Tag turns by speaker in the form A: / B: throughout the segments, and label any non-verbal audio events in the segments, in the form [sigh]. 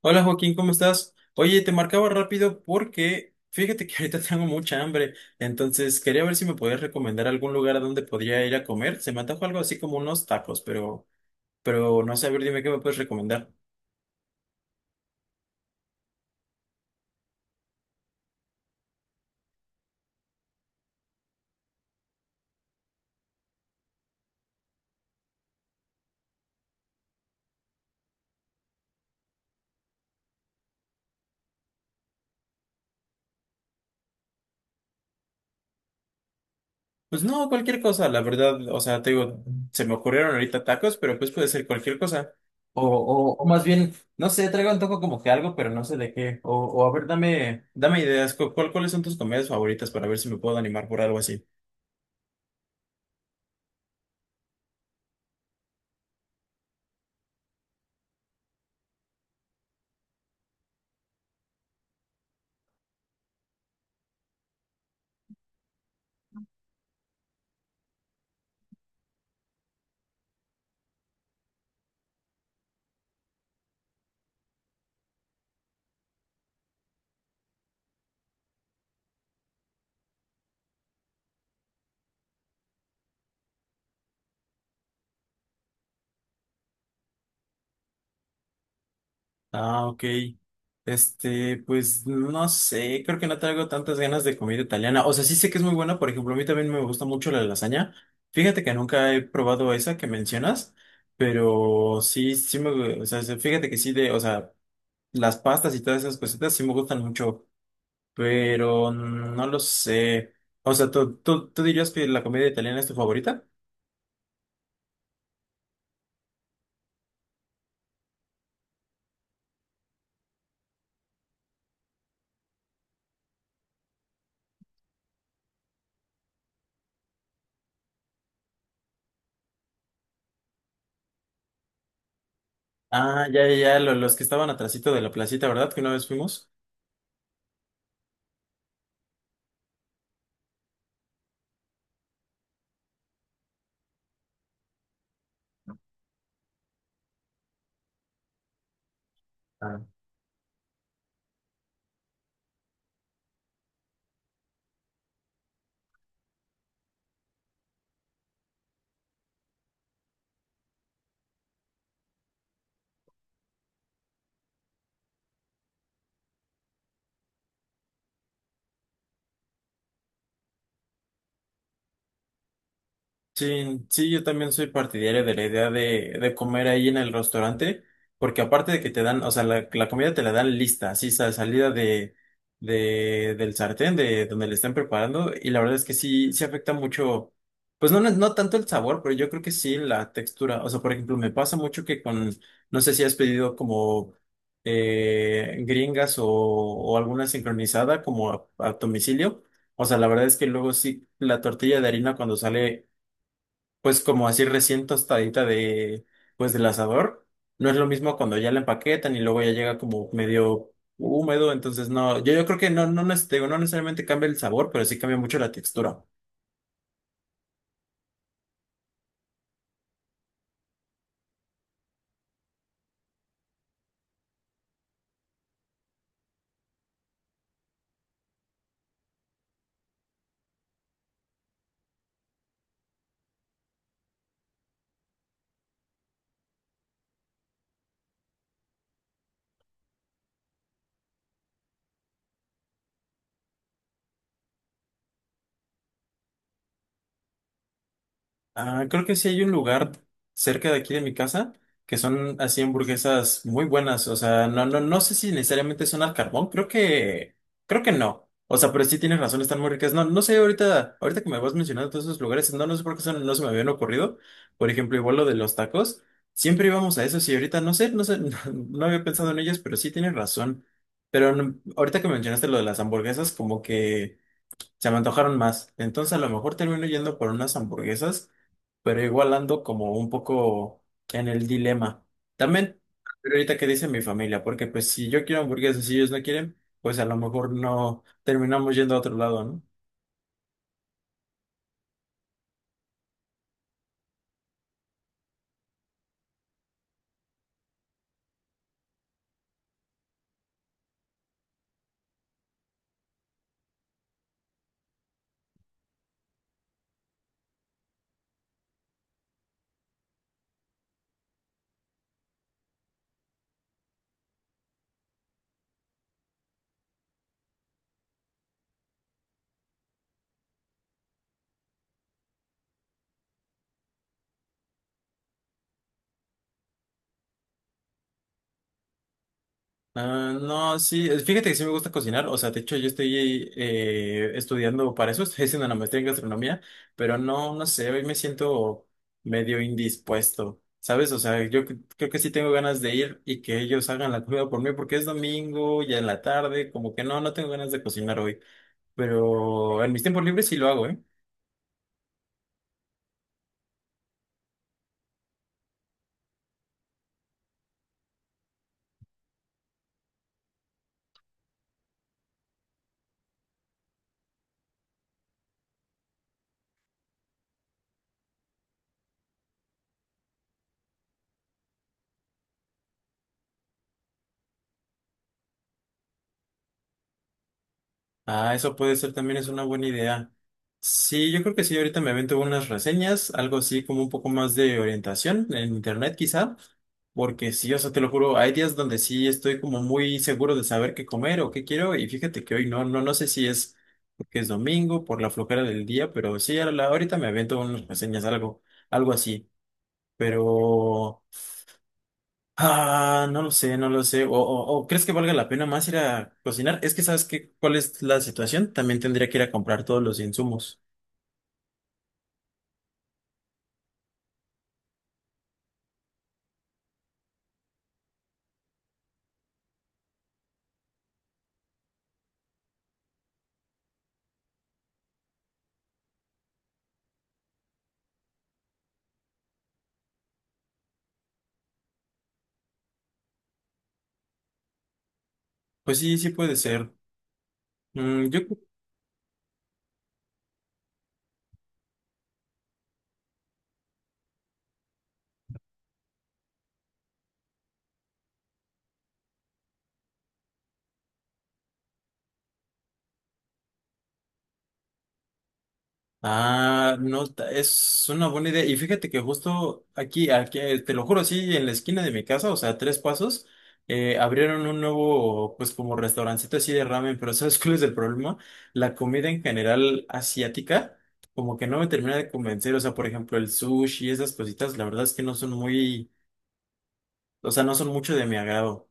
A: Hola Joaquín, ¿cómo estás? Oye, te marcaba rápido porque fíjate que ahorita [laughs] tengo mucha hambre, entonces quería ver si me podías recomendar algún lugar a donde podría ir a comer. Se me antojó algo así como unos tacos, pero, no sé, a ver, dime qué me puedes recomendar. Pues no, cualquier cosa, la verdad, o sea, te digo, se me ocurrieron ahorita tacos, pero pues puede ser cualquier cosa. O más bien, no sé, traigo antojo como que algo, pero no sé de qué. O a ver, dame ideas, ¿cuál, cuáles son tus comidas favoritas para ver si me puedo animar por algo así? Ah, ok. Pues no sé, creo que no traigo tantas ganas de comida italiana. O sea, sí sé que es muy buena, por ejemplo, a mí también me gusta mucho la lasaña. Fíjate que nunca he probado esa que mencionas, pero sí, o sea, sí, fíjate que o sea, las pastas y todas esas cositas sí me gustan mucho, pero no lo sé. O sea, ¿tú dirías que la comida italiana es tu favorita? Ah, los que estaban atrasito de la placita, ¿verdad? Que una vez fuimos. Sí, sí, yo también soy partidario de la idea de comer ahí en el restaurante, porque aparte de que te dan, o sea, la comida te la dan lista, así salida de, del sartén, de donde le estén preparando, y la verdad es que sí, sí afecta mucho, pues no, no tanto el sabor, pero yo creo que sí la textura. O sea, por ejemplo, me pasa mucho que no sé si has pedido como gringas o alguna sincronizada como a domicilio. O sea, la verdad es que luego sí, la tortilla de harina cuando sale pues como así recién tostadita pues del asador. No es lo mismo cuando ya la empaquetan y luego ya llega como medio húmedo. Entonces no, yo creo que no, no, te digo, no necesariamente cambia el sabor, pero sí cambia mucho la textura. Ah, creo que sí hay un lugar cerca de aquí de mi casa que son así hamburguesas muy buenas. O sea, no sé si necesariamente son al carbón. Creo que no. O sea, pero sí tienes razón, están muy ricas. No, no sé, ahorita que me vas mencionando todos esos lugares, no sé por qué no se me habían ocurrido. Por ejemplo, igual lo de los tacos. Siempre íbamos a esos y ahorita no sé, [laughs] no, había pensado en ellos, pero sí tienes razón. Ahorita que mencionaste lo de las hamburguesas, como que se me antojaron más. Entonces a lo mejor termino yendo por unas hamburguesas, pero igual ando como un poco en el dilema. También, pero ahorita que dice mi familia, porque pues si yo quiero hamburguesas y ellos no quieren, pues a lo mejor no terminamos yendo a otro lado, ¿no? Ah, no, sí, fíjate que sí me gusta cocinar. O sea, de hecho yo estoy estudiando para eso, [laughs] estoy haciendo una maestría en gastronomía, pero no, no sé, hoy me siento medio indispuesto, ¿sabes? O sea, yo creo que sí tengo ganas de ir y que ellos hagan la comida por mí porque es domingo, ya en la tarde, como que no, no tengo ganas de cocinar hoy. Pero en mis tiempos libres sí lo hago, ¿eh? Ah, eso puede ser también, es una buena idea. Sí, yo creo que sí, ahorita me avento unas reseñas, algo así como un poco más de orientación en internet quizá, porque sí, o sea, te lo juro, hay días donde sí estoy como muy seguro de saber qué comer o qué quiero, y fíjate que hoy no, no, no sé si es porque es domingo, por la flojera del día. Pero sí, ahorita me avento unas reseñas, algo, algo así, pero... Ah, no lo sé, no lo sé. O ¿crees que valga la pena más ir a cocinar? Es que sabes que cuál es la situación. También tendría que ir a comprar todos los insumos. Pues sí, sí puede ser. Mm, yo... Ah, no, es una buena idea. Y fíjate que justo aquí, te lo juro, sí, en la esquina de mi casa, o sea, tres pasos, abrieron un nuevo, pues, como restaurancito así de ramen, pero [laughs] ¿sabes cuál es el problema? La comida en general asiática, como que no me termina de convencer. O sea, por ejemplo, el sushi y esas cositas, la verdad es que no son muy, o sea, no son mucho de mi agrado.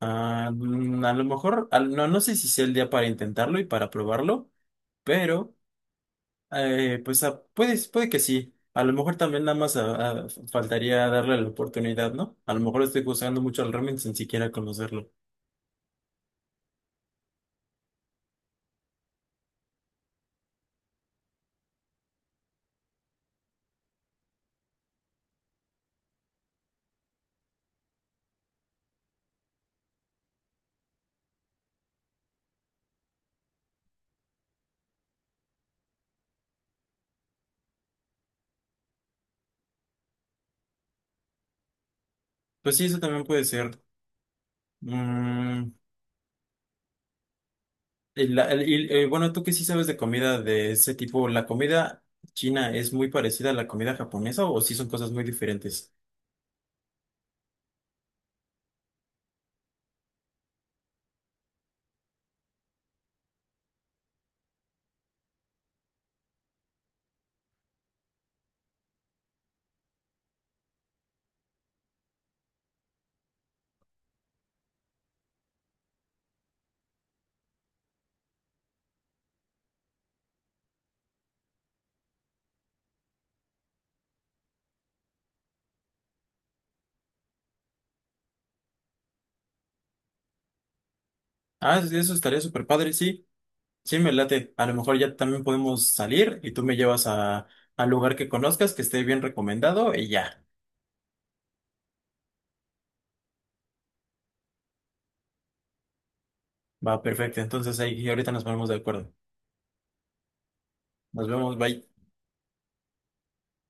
A: Ah, mm, a lo mejor, no, no sé si sea el día para intentarlo y para probarlo, pero... Pues ah, puede, puede que sí. A lo mejor también nada más faltaría darle la oportunidad, ¿no? A lo mejor estoy juzgando mucho al ramen sin siquiera conocerlo. Pues sí, eso también puede ser. Mm, bueno, tú que sí sabes de comida de ese tipo, ¿la comida china es muy parecida a la comida japonesa, o sí son cosas muy diferentes? Ah, sí, eso estaría súper padre, sí. Sí, me late. A lo mejor ya también podemos salir tú me llevas al lugar que conozcas, que esté bien recomendado y ya. Va, perfecto. Entonces ahí ahorita nos ponemos de acuerdo. Nos vemos, bye.